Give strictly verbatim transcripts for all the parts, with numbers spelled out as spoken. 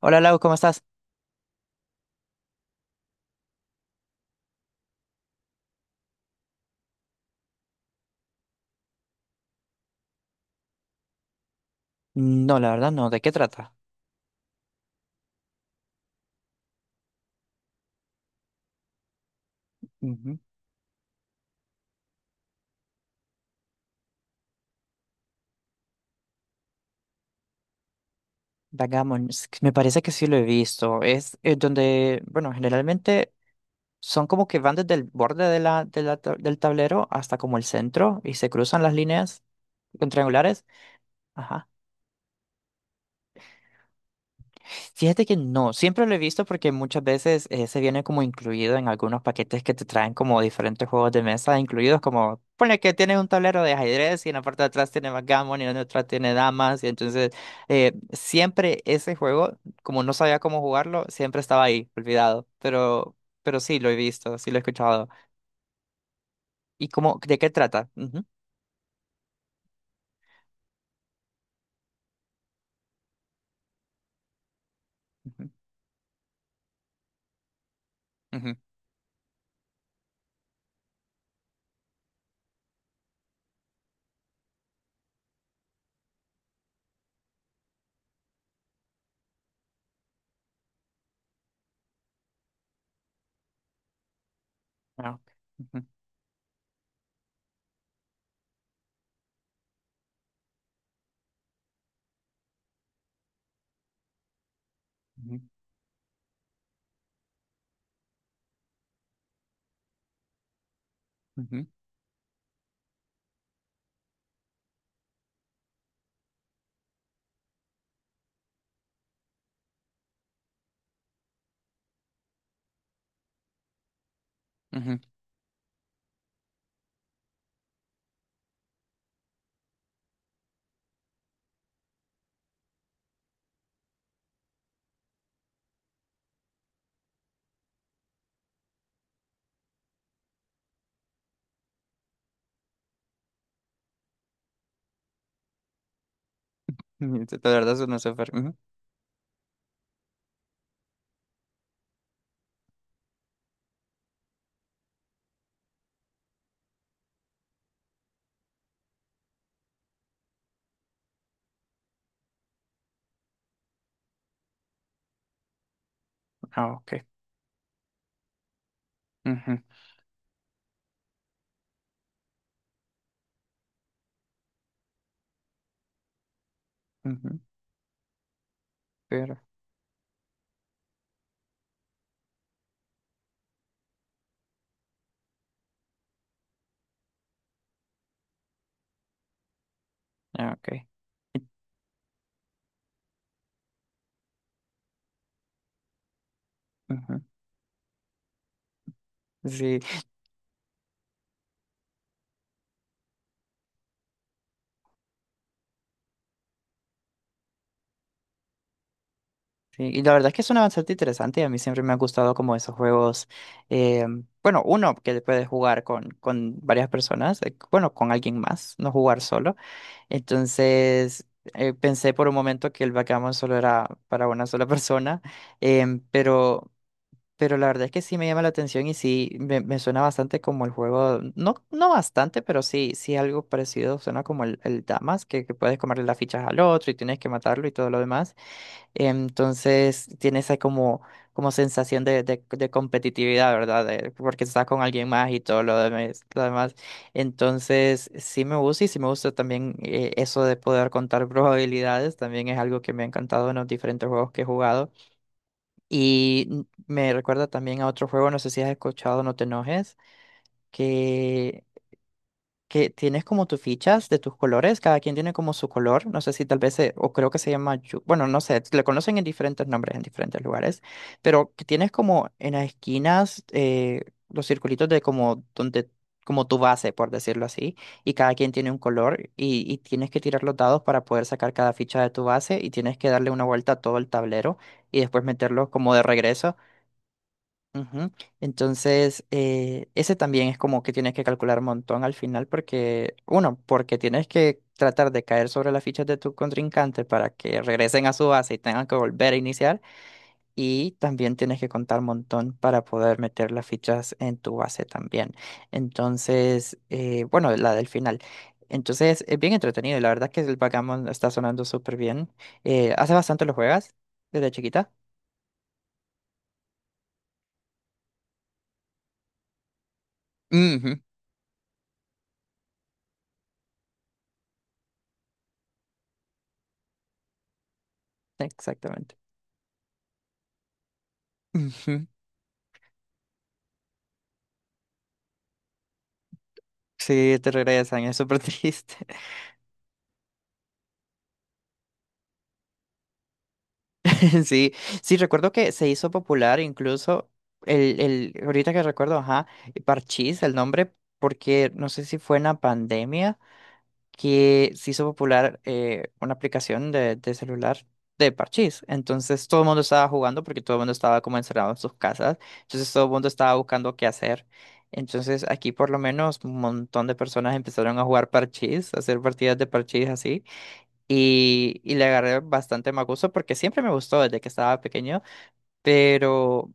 Hola Lau, ¿cómo estás? No, la verdad no. ¿De qué trata? Ujú. Vagabonds, que me parece que sí lo he visto. Es eh, donde, bueno, generalmente son como que van desde el borde de la, de la ta- del tablero hasta como el centro y se cruzan las líneas con triangulares. Ajá. Fíjate que no, siempre lo he visto porque muchas veces eh, se viene como incluido en algunos paquetes que te traen como diferentes juegos de mesa, incluidos como, ponle que tienes un tablero de ajedrez y en la parte de atrás tiene backgammon y en la otra tiene damas, y entonces eh, siempre ese juego, como no sabía cómo jugarlo, siempre estaba ahí, olvidado, pero, pero sí lo he visto, sí lo he escuchado. ¿Y cómo, de qué trata? Ujú, ujú, ujú, ah, ok, ujú, ujú, ujú, ujú, ujú, de verdad, eso no es súper. Ujú, ah, ok. Ujú. Ujú, pero, ah, okay. Y- Ujú. Sí, sí, y la verdad es que suena bastante interesante y a mí siempre me ha gustado como esos juegos, eh, bueno, uno que puedes jugar con, con varias personas, eh, bueno, con alguien más, no jugar solo. Entonces, eh, pensé por un momento que el backgammon solo era para una sola persona, em, pero Pero la verdad es que sí me llama la atención y sí me, me suena bastante como el juego, no, no bastante, pero sí, sí algo parecido, suena como el, el Damas, que, que puedes comerle las fichas al otro y tienes que matarlo y todo lo demás. Entonces tiene esa como, como sensación de, de, de competitividad, ¿verdad? De- porque estás con alguien más y todo lo demás, lo demás. Entonces sí me gusta y sí me gusta también eh, eso de poder contar probabilidades, también es algo que me ha encantado en los diferentes juegos que he jugado. Y me recuerda también a otro juego, no sé si has escuchado, no te enojes, que, que tienes como tus fichas de tus colores, cada quien tiene como su color, no sé si tal vez, se- o creo que se llama, yu- bueno, no sé, le conocen en diferentes nombres, en diferentes lugares, pero que tienes como en las esquinas eh, los circulitos de como donde... como tu base, por decirlo así, y cada quien tiene un color y, y tienes que tirar los dados para poder sacar cada ficha de tu base y tienes que darle una vuelta a todo el tablero y después meterlos como de regreso. Ujú. Entonces, eh, ese también es como que tienes que calcular un montón al final porque, uno, porque tienes que tratar de caer sobre las fichas de tu contrincante para que regresen a su base y tengan que volver a iniciar y también tienes que contar un montón para poder meter las fichas en tu base también. Entonces, eh, bueno, la del final. Entonces, es bien entretenido y la verdad es que el backgammon está sonando súper bien. Eh, ¿hace bastante lo juegas desde chiquita? Ujú, exactamente. Ujú. Sí, te regresan, es súper triste. Sí, sí, recuerdo que se hizo popular incluso el, el, ahorita que recuerdo, ajá, Parchís, el nombre, porque no sé si fue en la pandemia que se hizo popular eh, una aplicación de, de celular de Parchís. Entonces todo el mundo estaba jugando porque todo el mundo estaba como encerrado en sus casas. Entonces todo el mundo estaba buscando qué hacer. Entonces aquí por lo menos un montón de personas empezaron a jugar Parchís, a hacer partidas de Parchís así. Y, y le agarré bastante más gusto porque siempre me gustó desde que estaba pequeño, pero,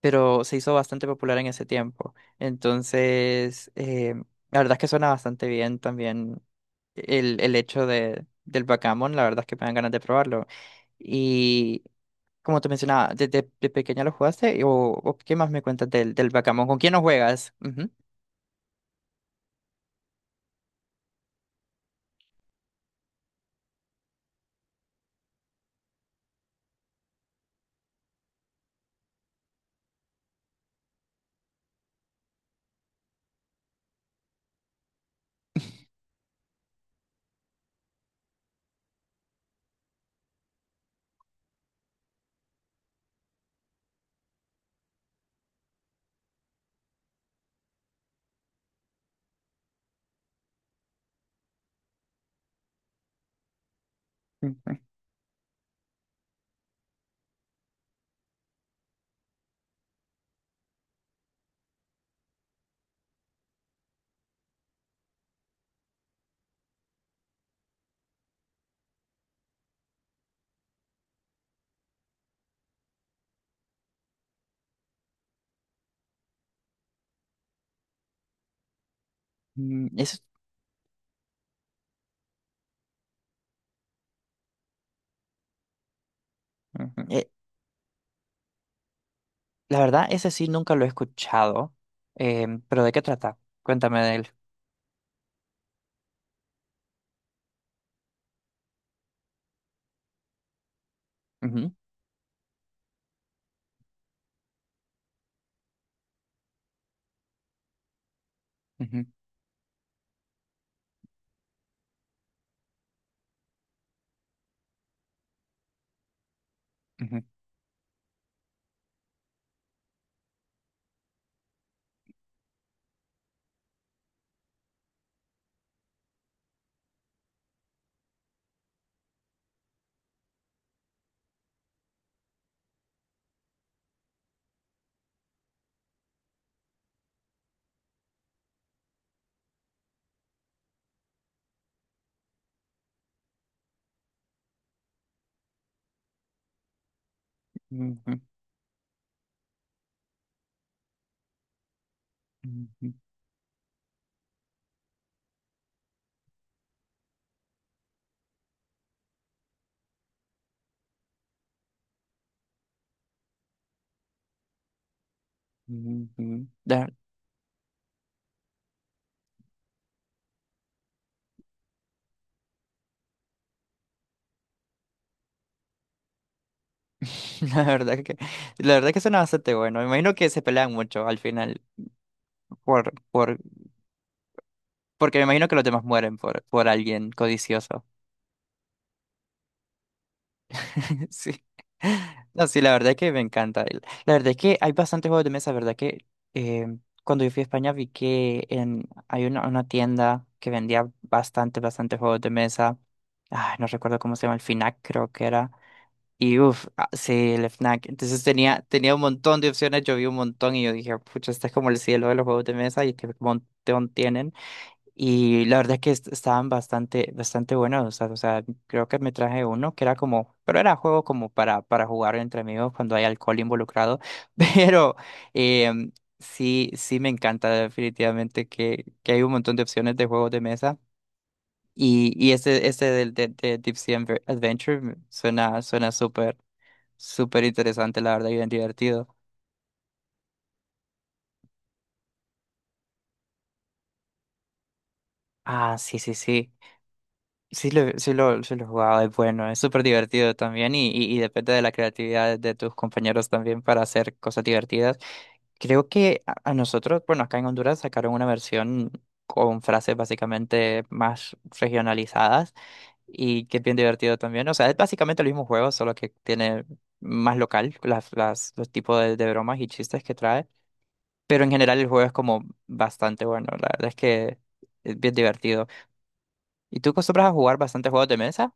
pero se hizo bastante popular en ese tiempo. Entonces, eh, la verdad es que suena bastante bien también el, el hecho de, del backgammon, la verdad es que me dan ganas de probarlo. Y como te mencionaba, ¿desde de pequeña lo jugaste? ¿O, o qué más me cuentas del, del backgammon? ¿Con quién lo juegas? Ujú. Ujú. Mm, eso, ujú. E- La verdad, ese sí nunca lo he escuchado, em, pero ¿de qué trata? Cuéntame de él. Ujú, ujú, ujú, ujú, ujú, ujú, ujú. La, la verdad que, la verdad que suena bastante bueno. Me imagino que se pelean mucho al final por, por, porque me imagino que los demás mueren por, por alguien codicioso. Sí. No, sí, la verdad es que me encanta. El- La verdad es que hay bastantes juegos de mesa, ¿verdad? Que eh, cuando yo fui a España vi que en, hay una, una tienda que vendía bastante, bastante juegos de mesa. Ay, no recuerdo cómo se llama, el F N A C creo que era. Y uff, sí, el F N A C. Entonces tenía, tenía un montón de opciones, yo vi un montón y yo dije, pucha, este es como el cielo de los juegos de mesa y qué montón tienen. Y la verdad es que est- estaban bastante, bastante buenos. O sea, o sea, creo que me traje uno que era como, pero era juego como para, para jugar entre amigos cuando hay alcohol involucrado. Pero em, sí, sí me encanta definitivamente que, que hay un montón de opciones de juegos de mesa. Y, y este, este del de, de Deep Sea Adve- Adventure me- suena, suena súper, súper interesante, la verdad, y bien divertido. Ah, sí, sí, sí. Sí lo, sí lo, sí lo jugaba, es bueno, es súper divertido también y, y, y depende de la creatividad de tus compañeros también para hacer cosas divertidas. Creo que a, a nosotros, bueno, acá en Honduras sacaron una versión con frases básicamente más regionalizadas y que es bien divertido también. O sea, es básicamente el mismo juego, solo que tiene más local las, las, los tipos de, de bromas y chistes que trae. Pero en general el juego es como bastante bueno, la verdad es que es bien divertido. ¿Y tú acostumbras a jugar bastante juegos de mesa?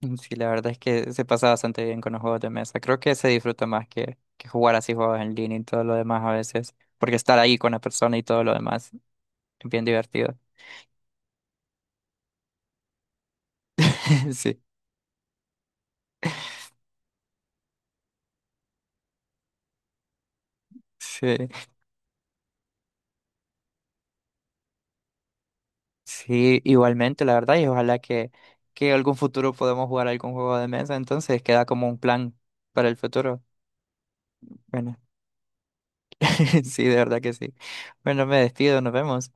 Mm, sí, la verdad es que se pasa bastante bien con los juegos de mesa. Creo que se disfruta más que, que jugar así juegos en línea y todo lo demás a veces, porque estar ahí con la persona y todo lo demás es bien divertido. Sí, sí, sí, igualmente, la verdad, y ojalá que, que algún futuro podamos jugar algún juego de mesa, entonces queda como un plan para el futuro. Bueno, sí, de verdad que sí. Bueno, me despido, nos vemos.